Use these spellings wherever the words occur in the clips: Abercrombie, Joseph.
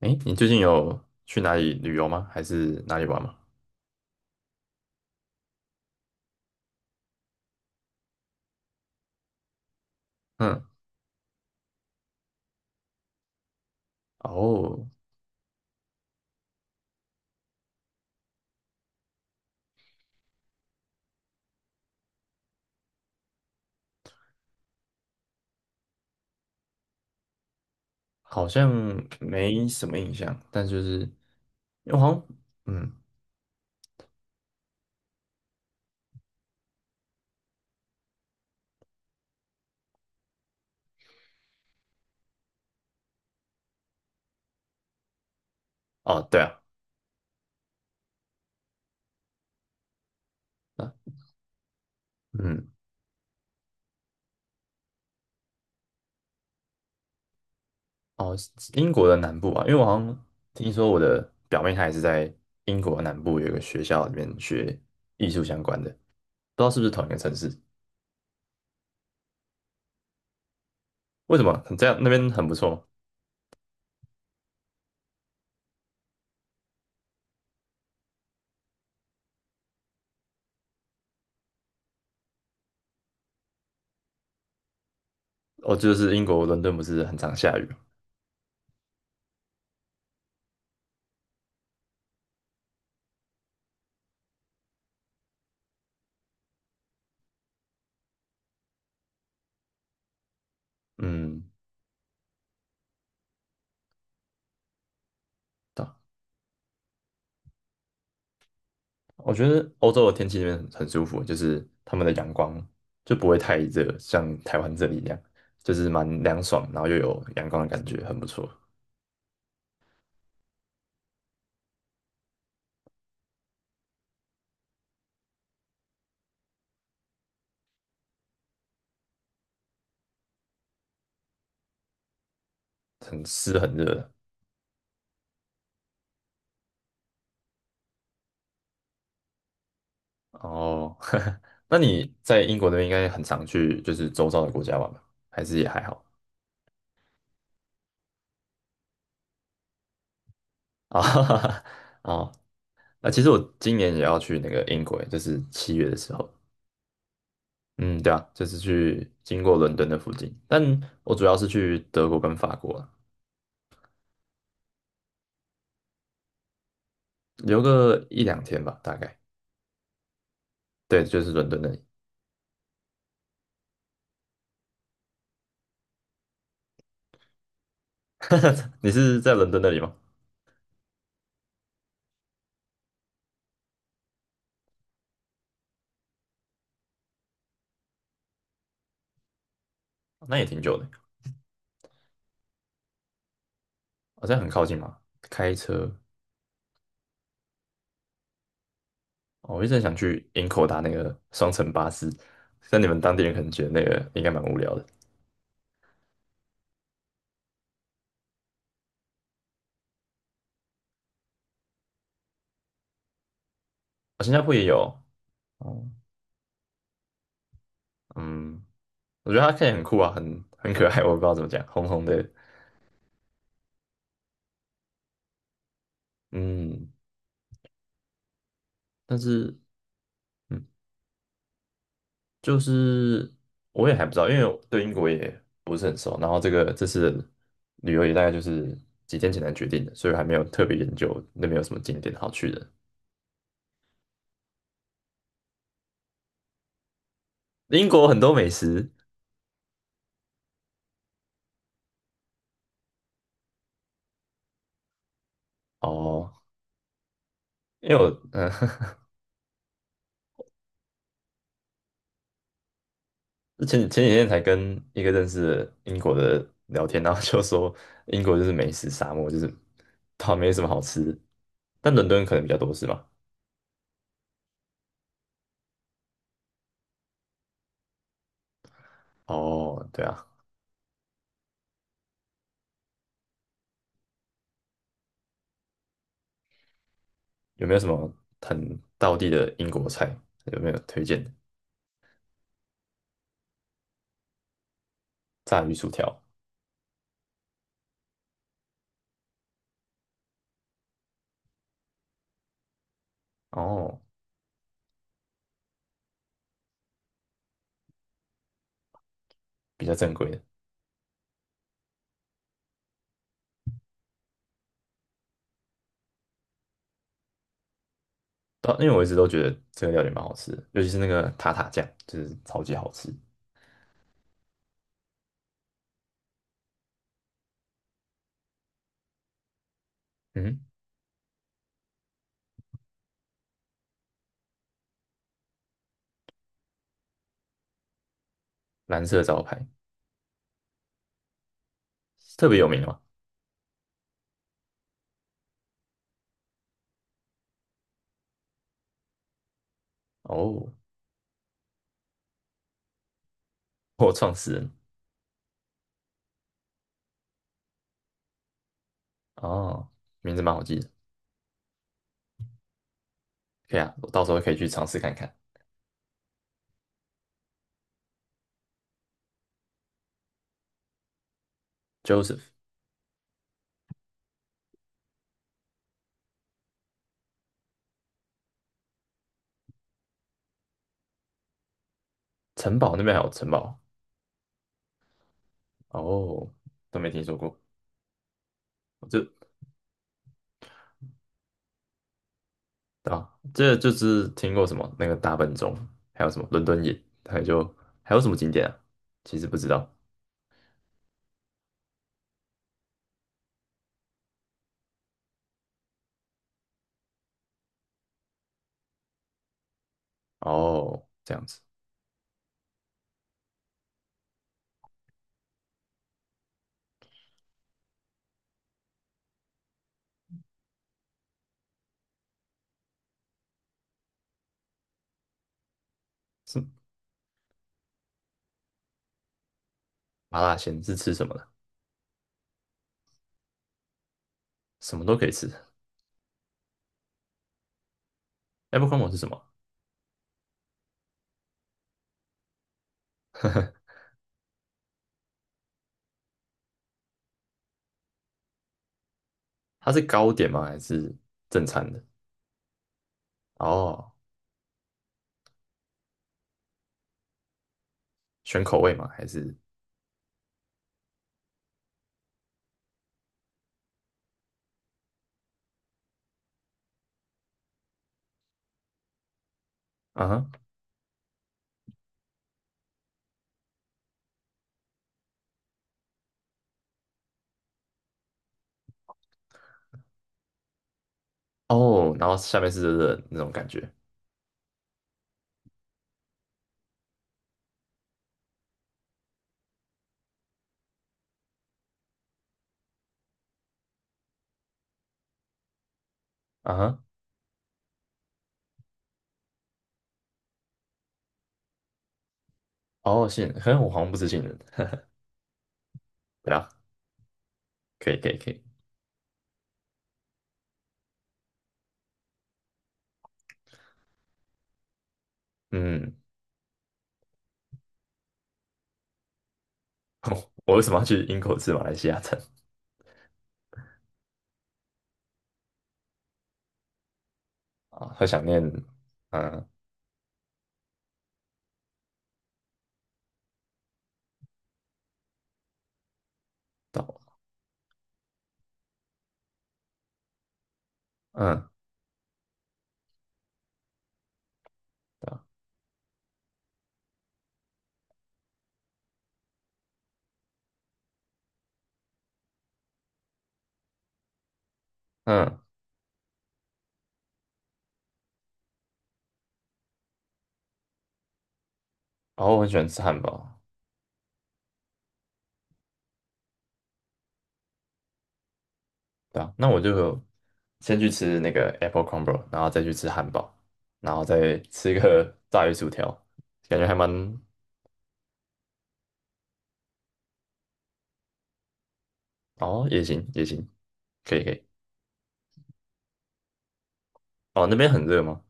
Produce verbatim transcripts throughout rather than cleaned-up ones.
哎，你最近有去哪里旅游吗？还是哪里玩吗？嗯，哦，好像没什么印象，但就是因为我好像，嗯，哦，对啊，啊，嗯，哦，英国的南部啊，因为我好像听说我的表妹她也是在英国的南部有一个学校里面学艺术相关的，不知道是不是同一个城市？为什么？这样那边很不错吗？哦，就是英国伦敦不是很常下雨？嗯，嗯，我觉得欧洲的天气那边很很舒服，就是他们的阳光就不会太热，像台湾这里一样，就是蛮凉爽，然后又有阳光的感觉，很不错，很湿很热。哦，那你在英国那边应该很常去，就是周遭的国家玩吧？还是也还好？啊？哦，那其实我今年也要去那个英国，就是七月的时候。嗯，对啊，就是去经过伦敦的附近，但我主要是去德国跟法国啊，留个一两天吧，大概。对，就是伦敦那里。你是在伦敦那里吗？哦那也挺久的，好像很靠近嘛。开车，哦我一直很想去营口搭那个双层巴士，但你们当地人可能觉得那个应该蛮无聊的。啊，新加坡也有，哦，嗯，我觉得它看起来很酷啊，很很可爱，我不知道怎么讲，红红的，嗯，但是，嗯，就是我也还不知道，因为我对英国也不是很熟，然后这个这次的旅游也大概就是几天前才决定的，所以还没有特别研究那边有什么景点好去的。英国很多美食？哦，因为我嗯、呃 前前几天才跟一个认识的英国的聊天，然后就说 英国就是美食沙漠，就是它没什么好吃，但伦敦可能比较多是吗？哦，对啊，有没有什么很道地的英国菜？有没有推荐的？炸鱼薯条。哦，比较正规的，对啊因为我一直都觉得这个料理蛮好吃的尤其是那个塔塔酱，就是超级好吃。嗯，蓝色招牌特别有名吗？哦。或创始人？哦，名字蛮好记的，可以啊，我到时候可以去尝试看看。Joseph，城堡那边还有城堡？哦，都没听说过，我就啊，这就是听过什么那个大笨钟，还有什么伦敦眼，还有就还有什么景点啊？其实不知道。哦，这样子。是麻辣鲜是吃什么的？什么都可以吃。Abercrombie 是什么？它是糕点吗？还是正餐的？哦，选口味吗？还是啊哈。哦，然后下面是热热的那种感觉。啊哈，哦，杏仁，可能我好像不是杏仁，对啊，可以可以可以，嗯，我为什么要去英国吃马来西亚餐？啊？很想念，嗯，到，嗯，对啊，嗯，然后我很喜欢吃汉堡，对啊，那我就先去吃那个 apple crumble，然后再去吃汉堡，然后再吃一个炸鱼薯条，感觉还蛮。哦，也行也行，可以可以，哦，那边很热吗？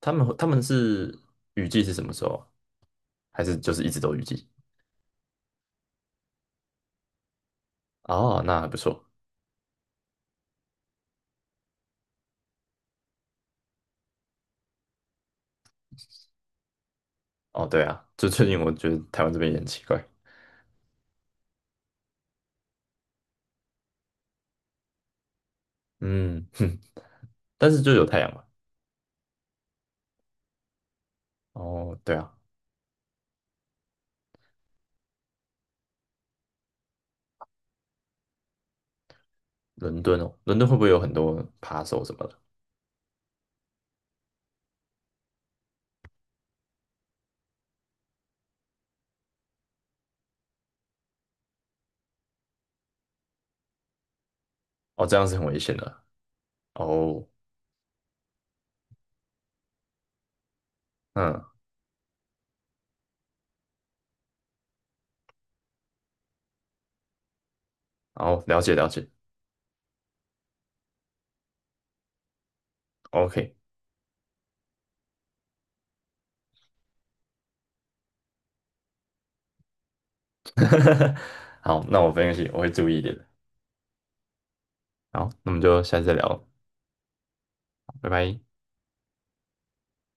他们他们是雨季是什么时候啊？还是就是一直都雨季？哦，那还不错。哦，对啊，就最近我觉得台湾这边也很奇怪，嗯，哼，但是就有太阳嘛。哦，对啊，伦敦哦，伦敦会不会有很多扒手什么的？哦，这样是很危险的。哦，嗯，哦，了解了解，OK，好，那我分析，我会注意一点的。好，那我们就下次再聊，拜拜。